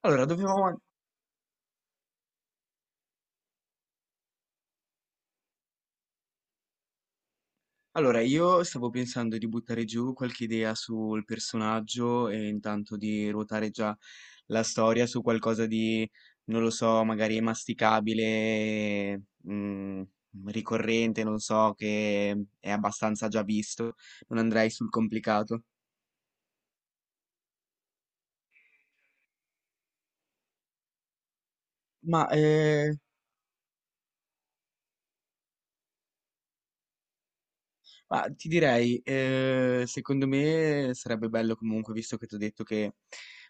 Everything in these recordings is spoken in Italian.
Allora, dovevamo... Allora, io stavo pensando di buttare giù qualche idea sul personaggio e intanto di ruotare già la storia su qualcosa di, non lo so, magari masticabile, mm, ricorrente, non so, che è abbastanza già visto. Non andrei sul complicato. Ma eh, Ma ti direi, secondo me sarebbe bello comunque, visto che ti ho detto che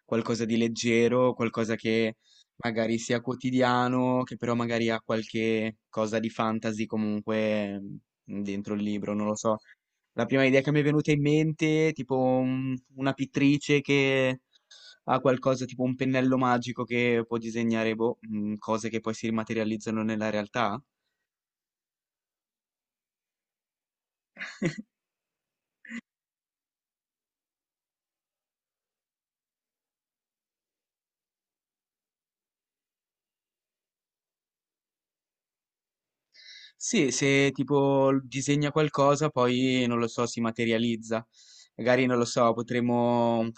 qualcosa di leggero, qualcosa che magari sia quotidiano, che però magari ha qualche cosa di fantasy comunque dentro il libro, non lo so. La prima idea che mi è venuta in mente, tipo una pittrice che ha qualcosa, tipo un pennello magico che può disegnare boh, cose che poi si rimaterializzano nella realtà. Sì, se tipo disegna qualcosa, poi non lo so, si materializza. Magari non lo so, potremmo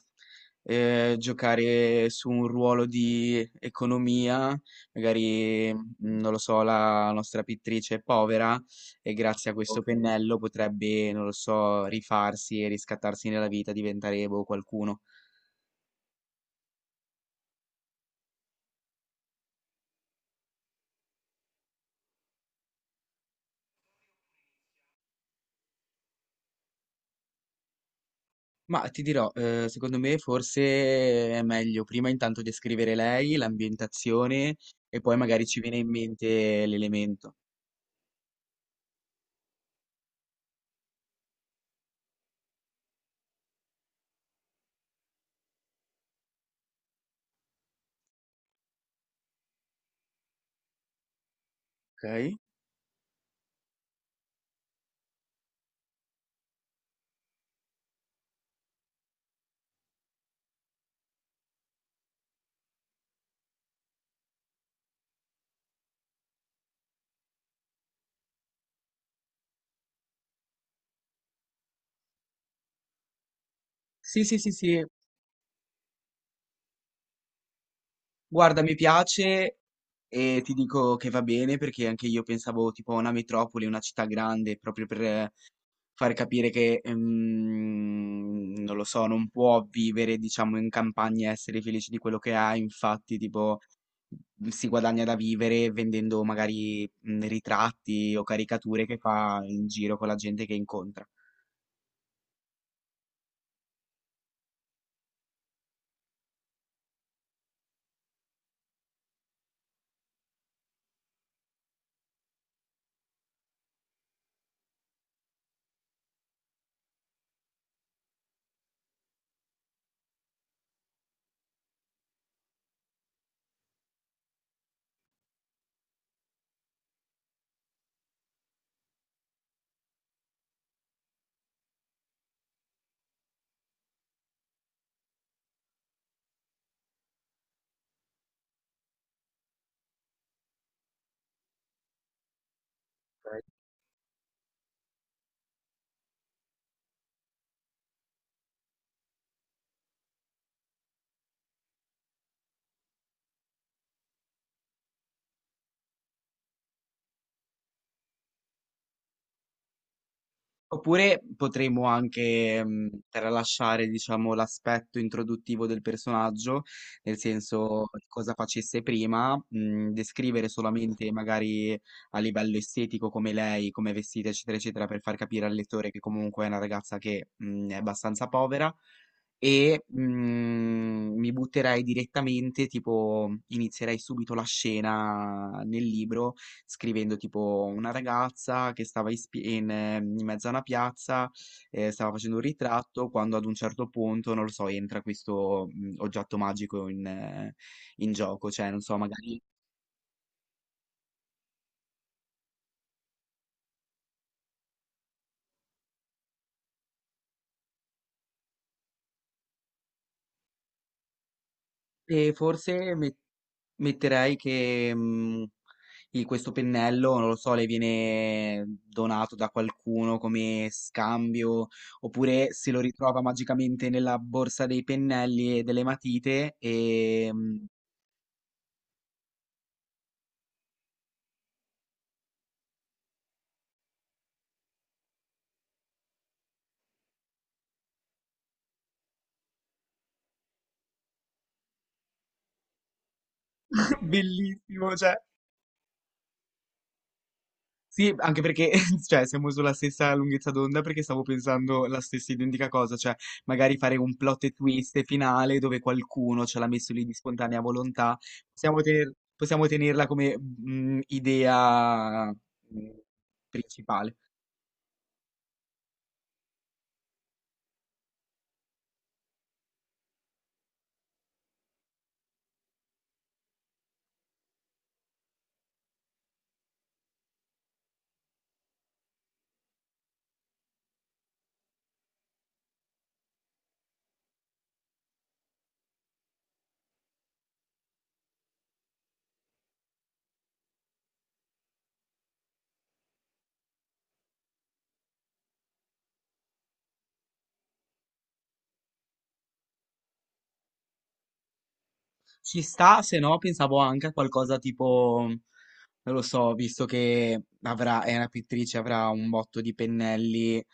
giocare su un ruolo di economia, magari non lo so, la nostra pittrice è povera e grazie a questo Ok. pennello potrebbe, non lo so, rifarsi e riscattarsi nella vita, diventare boh, qualcuno. Ma ti dirò, secondo me forse è meglio prima intanto descrivere lei, l'ambientazione e poi magari ci viene in mente l'elemento. Okay. Sì, sì, sì, sì, guarda mi piace. E ti dico che va bene perché anche io pensavo tipo a una metropoli, una città grande, proprio per far capire che, non lo so, non può vivere, diciamo, in campagna e essere felice di quello che ha. Infatti, tipo, si guadagna da vivere vendendo magari ritratti o caricature che fa in giro con la gente che incontra. Oppure potremmo anche tralasciare, diciamo, l'aspetto introduttivo del personaggio, nel senso cosa facesse prima, descrivere solamente magari a livello estetico come lei, come è vestita, eccetera, eccetera, per far capire al lettore che comunque è una ragazza che è abbastanza povera. E mi butterei direttamente, tipo, inizierei subito la scena nel libro scrivendo tipo una ragazza che stava in mezzo a una piazza, stava facendo un ritratto, quando ad un certo punto, non lo so, entra questo oggetto magico in gioco, cioè non so, magari... E forse metterei che questo pennello, non lo so, le viene donato da qualcuno come scambio, oppure se lo ritrova magicamente nella borsa dei pennelli e delle matite Bellissimo, cioè, sì, anche perché, cioè, siamo sulla stessa lunghezza d'onda perché stavo pensando la stessa identica cosa, cioè, magari fare un plot e twist finale dove qualcuno ce l'ha messo lì di spontanea volontà, possiamo tenerla come idea principale. Ci sta, se no pensavo anche a qualcosa tipo, non lo so, visto che avrà, è una pittrice, avrà un botto di pennelli,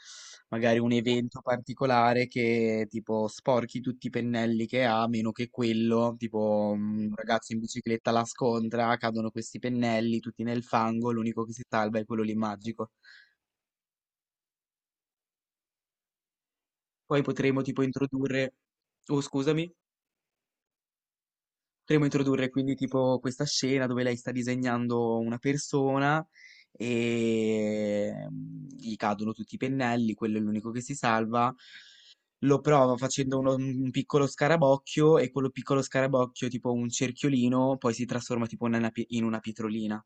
magari un evento particolare che tipo sporchi tutti i pennelli che ha, meno che quello, tipo un ragazzo in bicicletta la scontra, cadono questi pennelli tutti nel fango, l'unico che si salva è quello lì magico. Poi potremo tipo introdurre... Oh, scusami. Potremmo introdurre quindi tipo questa scena dove lei sta disegnando una persona e gli cadono tutti i pennelli, quello è l'unico che si salva. Lo prova facendo un piccolo scarabocchio e quello piccolo scarabocchio, tipo un cerchiolino, poi si trasforma tipo in una, in una pietrolina.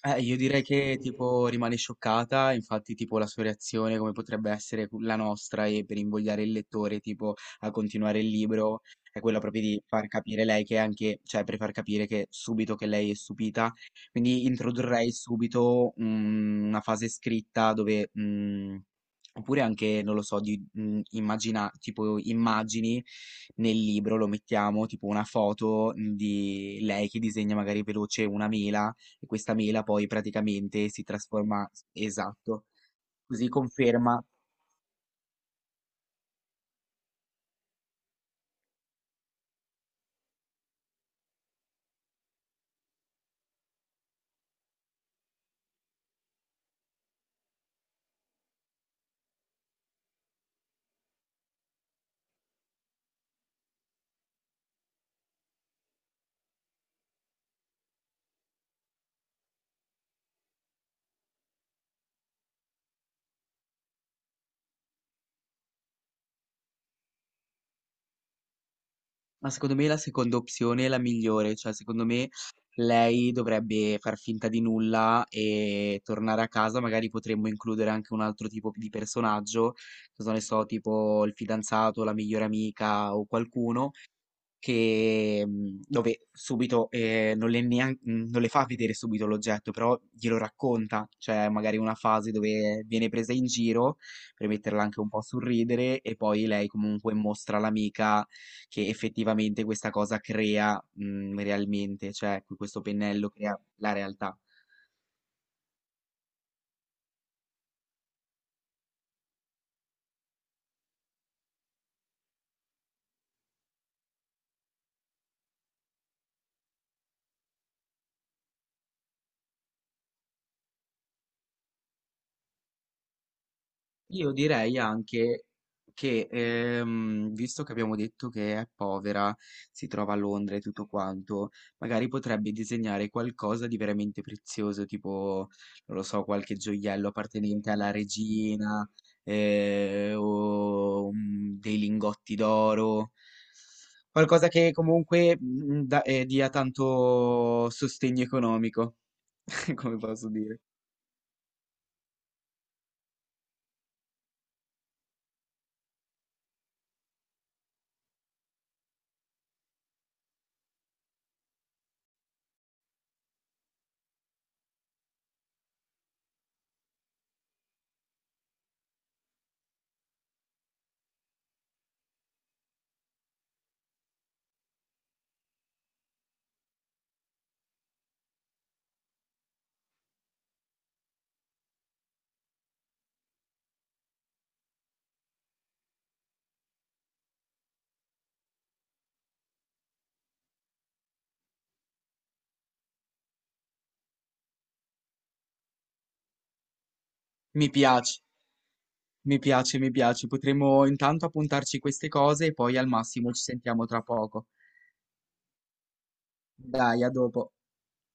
Io direi che tipo rimane scioccata, infatti tipo la sua reazione come potrebbe essere la nostra e per invogliare il lettore tipo a continuare il libro è quella proprio di far capire lei che è anche, cioè per far capire che subito che lei è stupita, quindi introdurrei subito una fase scritta dove oppure anche, non lo so, di immagina, tipo immagini nel libro, lo mettiamo, tipo una foto di lei che disegna magari veloce una mela e questa mela poi praticamente si trasforma, esatto, così conferma. Ma secondo me la seconda opzione è la migliore, cioè secondo me lei dovrebbe far finta di nulla e tornare a casa, magari potremmo includere anche un altro tipo di personaggio, cosa ne so, tipo il fidanzato, la migliore amica o qualcuno, che, dove subito, non le fa vedere subito l'oggetto, però glielo racconta, cioè magari una fase dove viene presa in giro, per metterla anche un po' a sorridere, e poi lei comunque mostra all'amica che effettivamente questa cosa crea, realmente, cioè questo pennello crea la realtà. Io direi anche che, visto che abbiamo detto che è povera, si trova a Londra e tutto quanto, magari potrebbe disegnare qualcosa di veramente prezioso, tipo, non lo so, qualche gioiello appartenente alla regina, o dei lingotti d'oro. Qualcosa che comunque dia tanto sostegno economico, come posso dire. Mi piace. Mi piace, mi piace. Potremmo intanto appuntarci queste cose e poi al massimo ci sentiamo tra poco. Dai, a dopo.